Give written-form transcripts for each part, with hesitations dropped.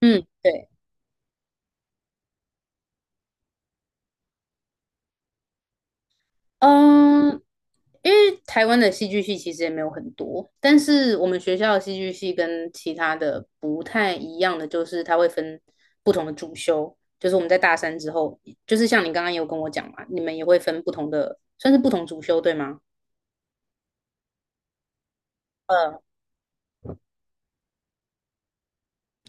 嗯，对，嗯，因为台湾的戏剧系其实也没有很多，但是我们学校的戏剧系跟其他的不太一样的就是，它会分不同的主修，就是我们在大三之后，就是像你刚刚有跟我讲嘛，你们也会分不同的，算是不同主修，对吗？呃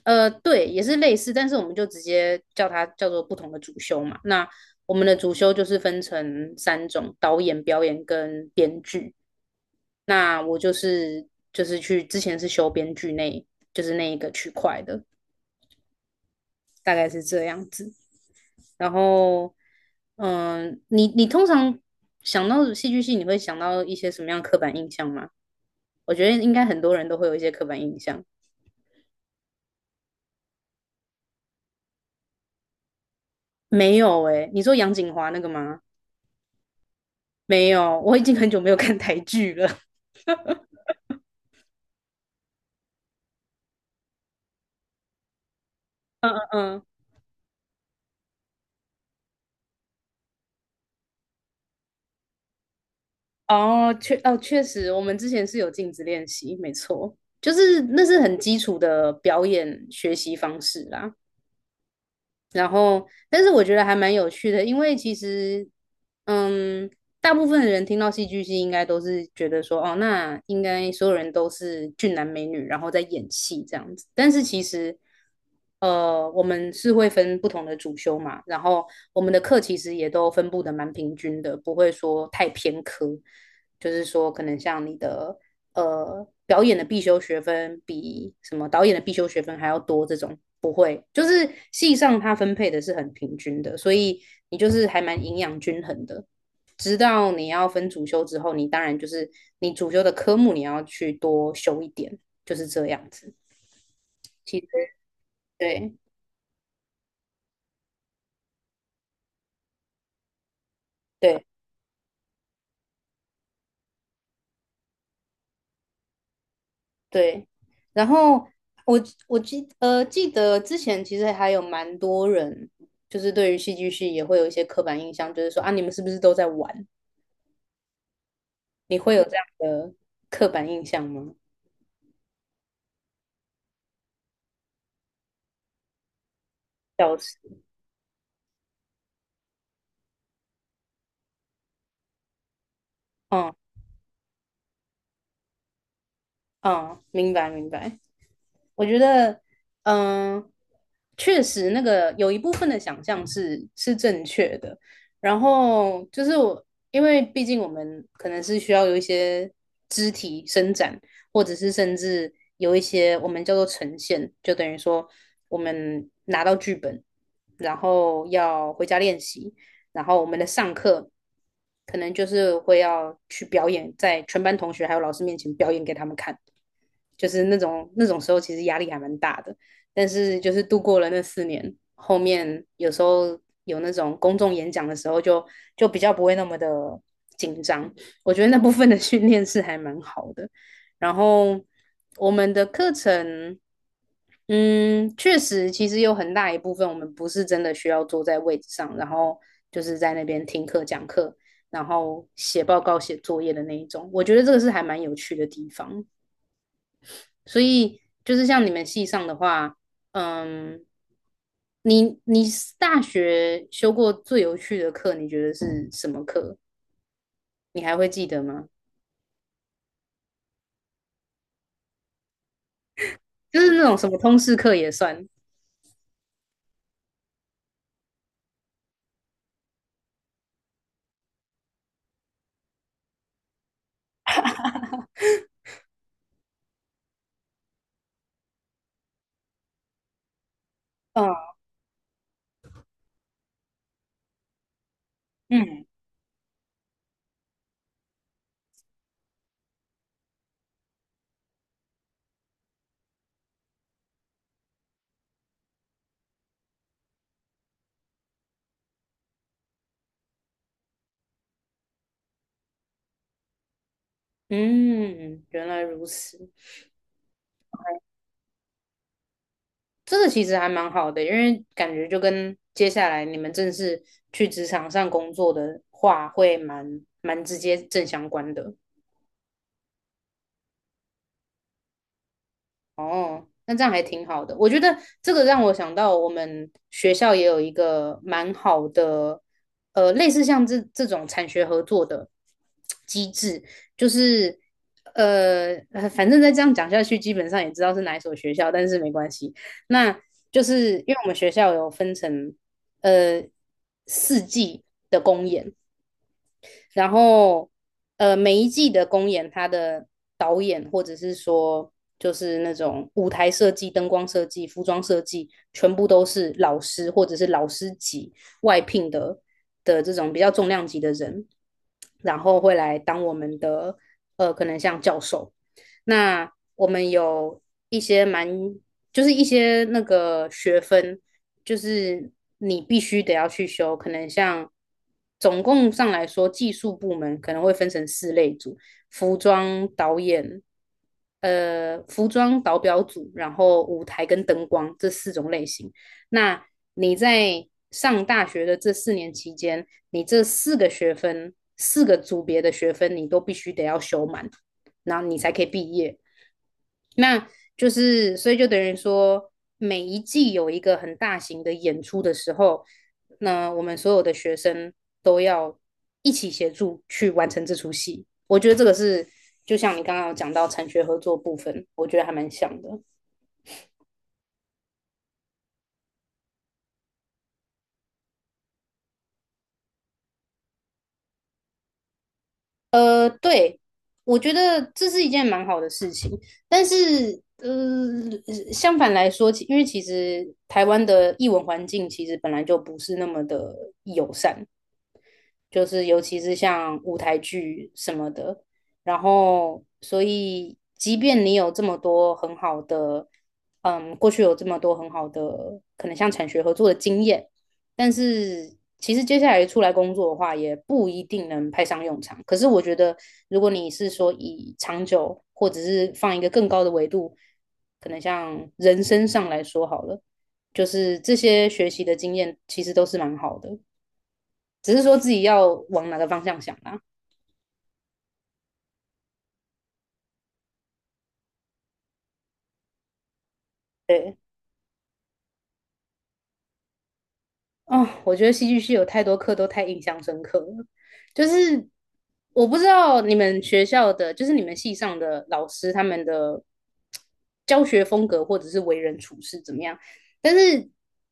对，也是类似，但是我们就直接叫它叫做不同的主修嘛。那我们的主修就是分成三种：导演、表演跟编剧。那我就是去之前是修编剧那，就是那一个区块的，大概是这样子。然后，你通常想到戏剧系，你会想到一些什么样的刻板印象吗？我觉得应该很多人都会有一些刻板印象。没有诶，你说杨锦华那个吗？没有，我已经很久没有看台剧了。嗯嗯。嗯，哦，确实，我们之前是有镜子练习，没错，就是那是很基础的表演学习方式啦。然后，但是我觉得还蛮有趣的，因为其实，嗯，大部分的人听到戏剧系，应该都是觉得说，哦，那应该所有人都是俊男美女，然后在演戏这样子。但是其实，我们是会分不同的主修嘛，然后我们的课其实也都分布的蛮平均的，不会说太偏科，就是说可能像你的表演的必修学分比什么导演的必修学分还要多这种，不会，就是系上它分配的是很平均的，所以你就是还蛮营养均衡的。直到你要分主修之后，你当然就是你主修的科目你要去多修一点，就是这样子。其实对对对，然后我我记得之前其实还有蛮多人，就是对于戏剧系也会有一些刻板印象，就是说啊你们是不是都在玩？你会有这样的刻板印象吗？消失。嗯。嗯，明白明白。我觉得，嗯、确实那个有一部分的想象是正确的。然后就是我，因为毕竟我们可能是需要有一些肢体伸展，或者是甚至有一些我们叫做呈现，就等于说我们拿到剧本，然后要回家练习，然后我们的上课可能就是会要去表演，在全班同学还有老师面前表演给他们看，就是那种时候其实压力还蛮大的。但是就是度过了那四年，后面有时候有那种公众演讲的时候就，就比较不会那么的紧张。我觉得那部分的训练是还蛮好的。然后我们的课程，嗯，确实其实有很大一部分我们不是真的需要坐在位置上，然后就是在那边听课讲课，然后写报告、写作业的那一种。我觉得这个是还蛮有趣的地方。所以就是像你们系上的话，嗯，你大学修过最有趣的课，你觉得是什么课？你还会记得吗？就是那种什么通识课也算。嗯嗯。嗯，原来如此，这个其实还蛮好的，因为感觉就跟接下来你们正式去职场上工作的话，会蛮直接正相关的。哦，那这样还挺好的。我觉得这个让我想到，我们学校也有一个蛮好的，呃，类似像这种产学合作的机制，就是反正再这样讲下去，基本上也知道是哪一所学校，但是没关系。那就是因为我们学校有分成呃四季的公演，然后呃，每一季的公演，它的导演或者是说就是那种舞台设计、灯光设计、服装设计，全部都是老师或者是老师级外聘的这种比较重量级的人，然后会来当我们的可能像教授。那我们有一些蛮，就是一些那个学分，就是你必须得要去修，可能像总共上来说，技术部门可能会分成四类组：服装导演、服装导表组，然后舞台跟灯光这四种类型。那你在上大学的这四年期间，你这四个学分、四个组别的学分，你都必须得要修满，然后你才可以毕业。那就是所以就等于说，每一季有一个很大型的演出的时候，那我们所有的学生都要一起协助去完成这出戏。我觉得这个是就像你刚刚有讲到产学合作部分，我觉得还蛮像的。对，我觉得这是一件蛮好的事情，但是。相反来说，因为其实台湾的译文环境其实本来就不是那么的友善，就是尤其是像舞台剧什么的。然后，所以即便你有这么多很好的，嗯，过去有这么多很好的，可能像产学合作的经验，但是其实接下来出来工作的话，也不一定能派上用场。可是我觉得，如果你是说以长久，或者是放一个更高的维度，可能像人生上来说好了，就是这些学习的经验其实都是蛮好的。只是说自己要往哪个方向想啦、啊对，哦，我觉得戏剧系有太多课都太印象深刻了，就是我不知道你们学校的，就是你们系上的老师他们的教学风格或者是为人处事怎么样，但是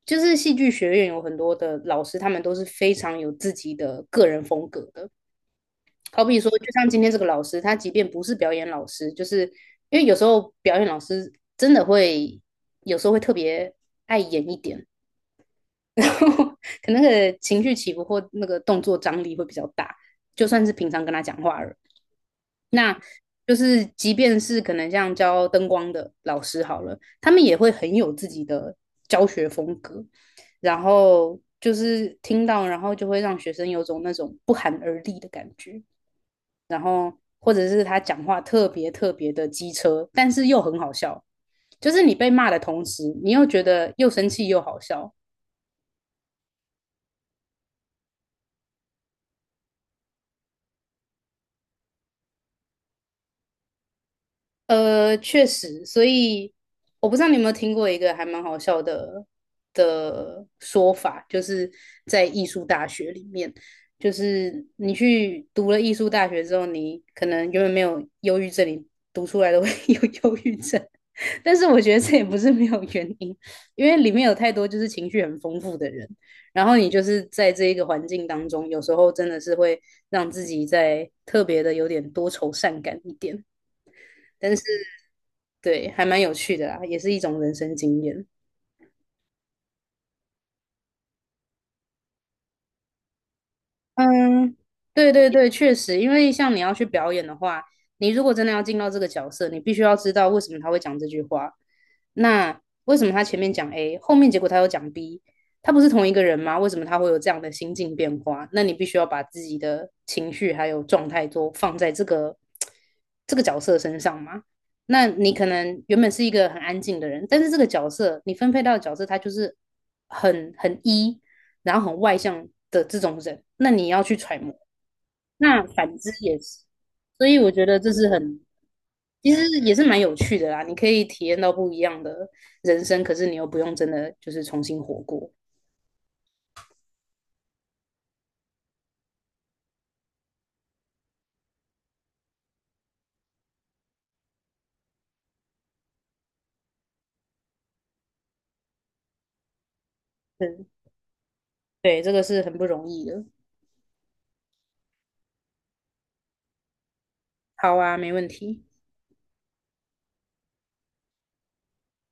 就是戏剧学院有很多的老师，他们都是非常有自己的个人风格的，好比说，就像今天这个老师，他即便不是表演老师，就是因为有时候表演老师真的会有时候会特别爱演一点，然后可能那个情绪起伏或那个动作张力会比较大，就算是平常跟他讲话了，那就是即便是可能像教灯光的老师好了，他们也会很有自己的教学风格，然后就是听到，然后就会让学生有种那种不寒而栗的感觉。然后或者是他讲话特别特别的机车，但是又很好笑，就是你被骂的同时，你又觉得又生气又好笑，确实，所以我不知道你有没有听过一个还蛮好笑的说法，就是在艺术大学里面，就是你去读了艺术大学之后，你可能永远没有忧郁症，你读出来都会 有忧郁症，但是我觉得这也不是没有原因，因为里面有太多就是情绪很丰富的人，然后你就是在这一个环境当中，有时候真的是会让自己在特别的有点多愁善感一点。但是。对，还蛮有趣的啊，也是一种人生经验。嗯，对对对，确实，因为像你要去表演的话，你如果真的要进到这个角色，你必须要知道为什么他会讲这句话。那为什么他前面讲 A，后面结果他又讲 B，他不是同一个人吗？为什么他会有这样的心境变化？那你必须要把自己的情绪还有状态都放在这个角色身上嘛。那你可能原本是一个很安静的人，但是这个角色你分配到的角色，他就是很 E，然后很外向的这种人，那你要去揣摩。那反之也是，所以我觉得这是很，其实也是蛮有趣的啦。你可以体验到不一样的人生，可是你又不用真的就是重新活过。嗯，对，这个是很不容易的。好啊，没问题。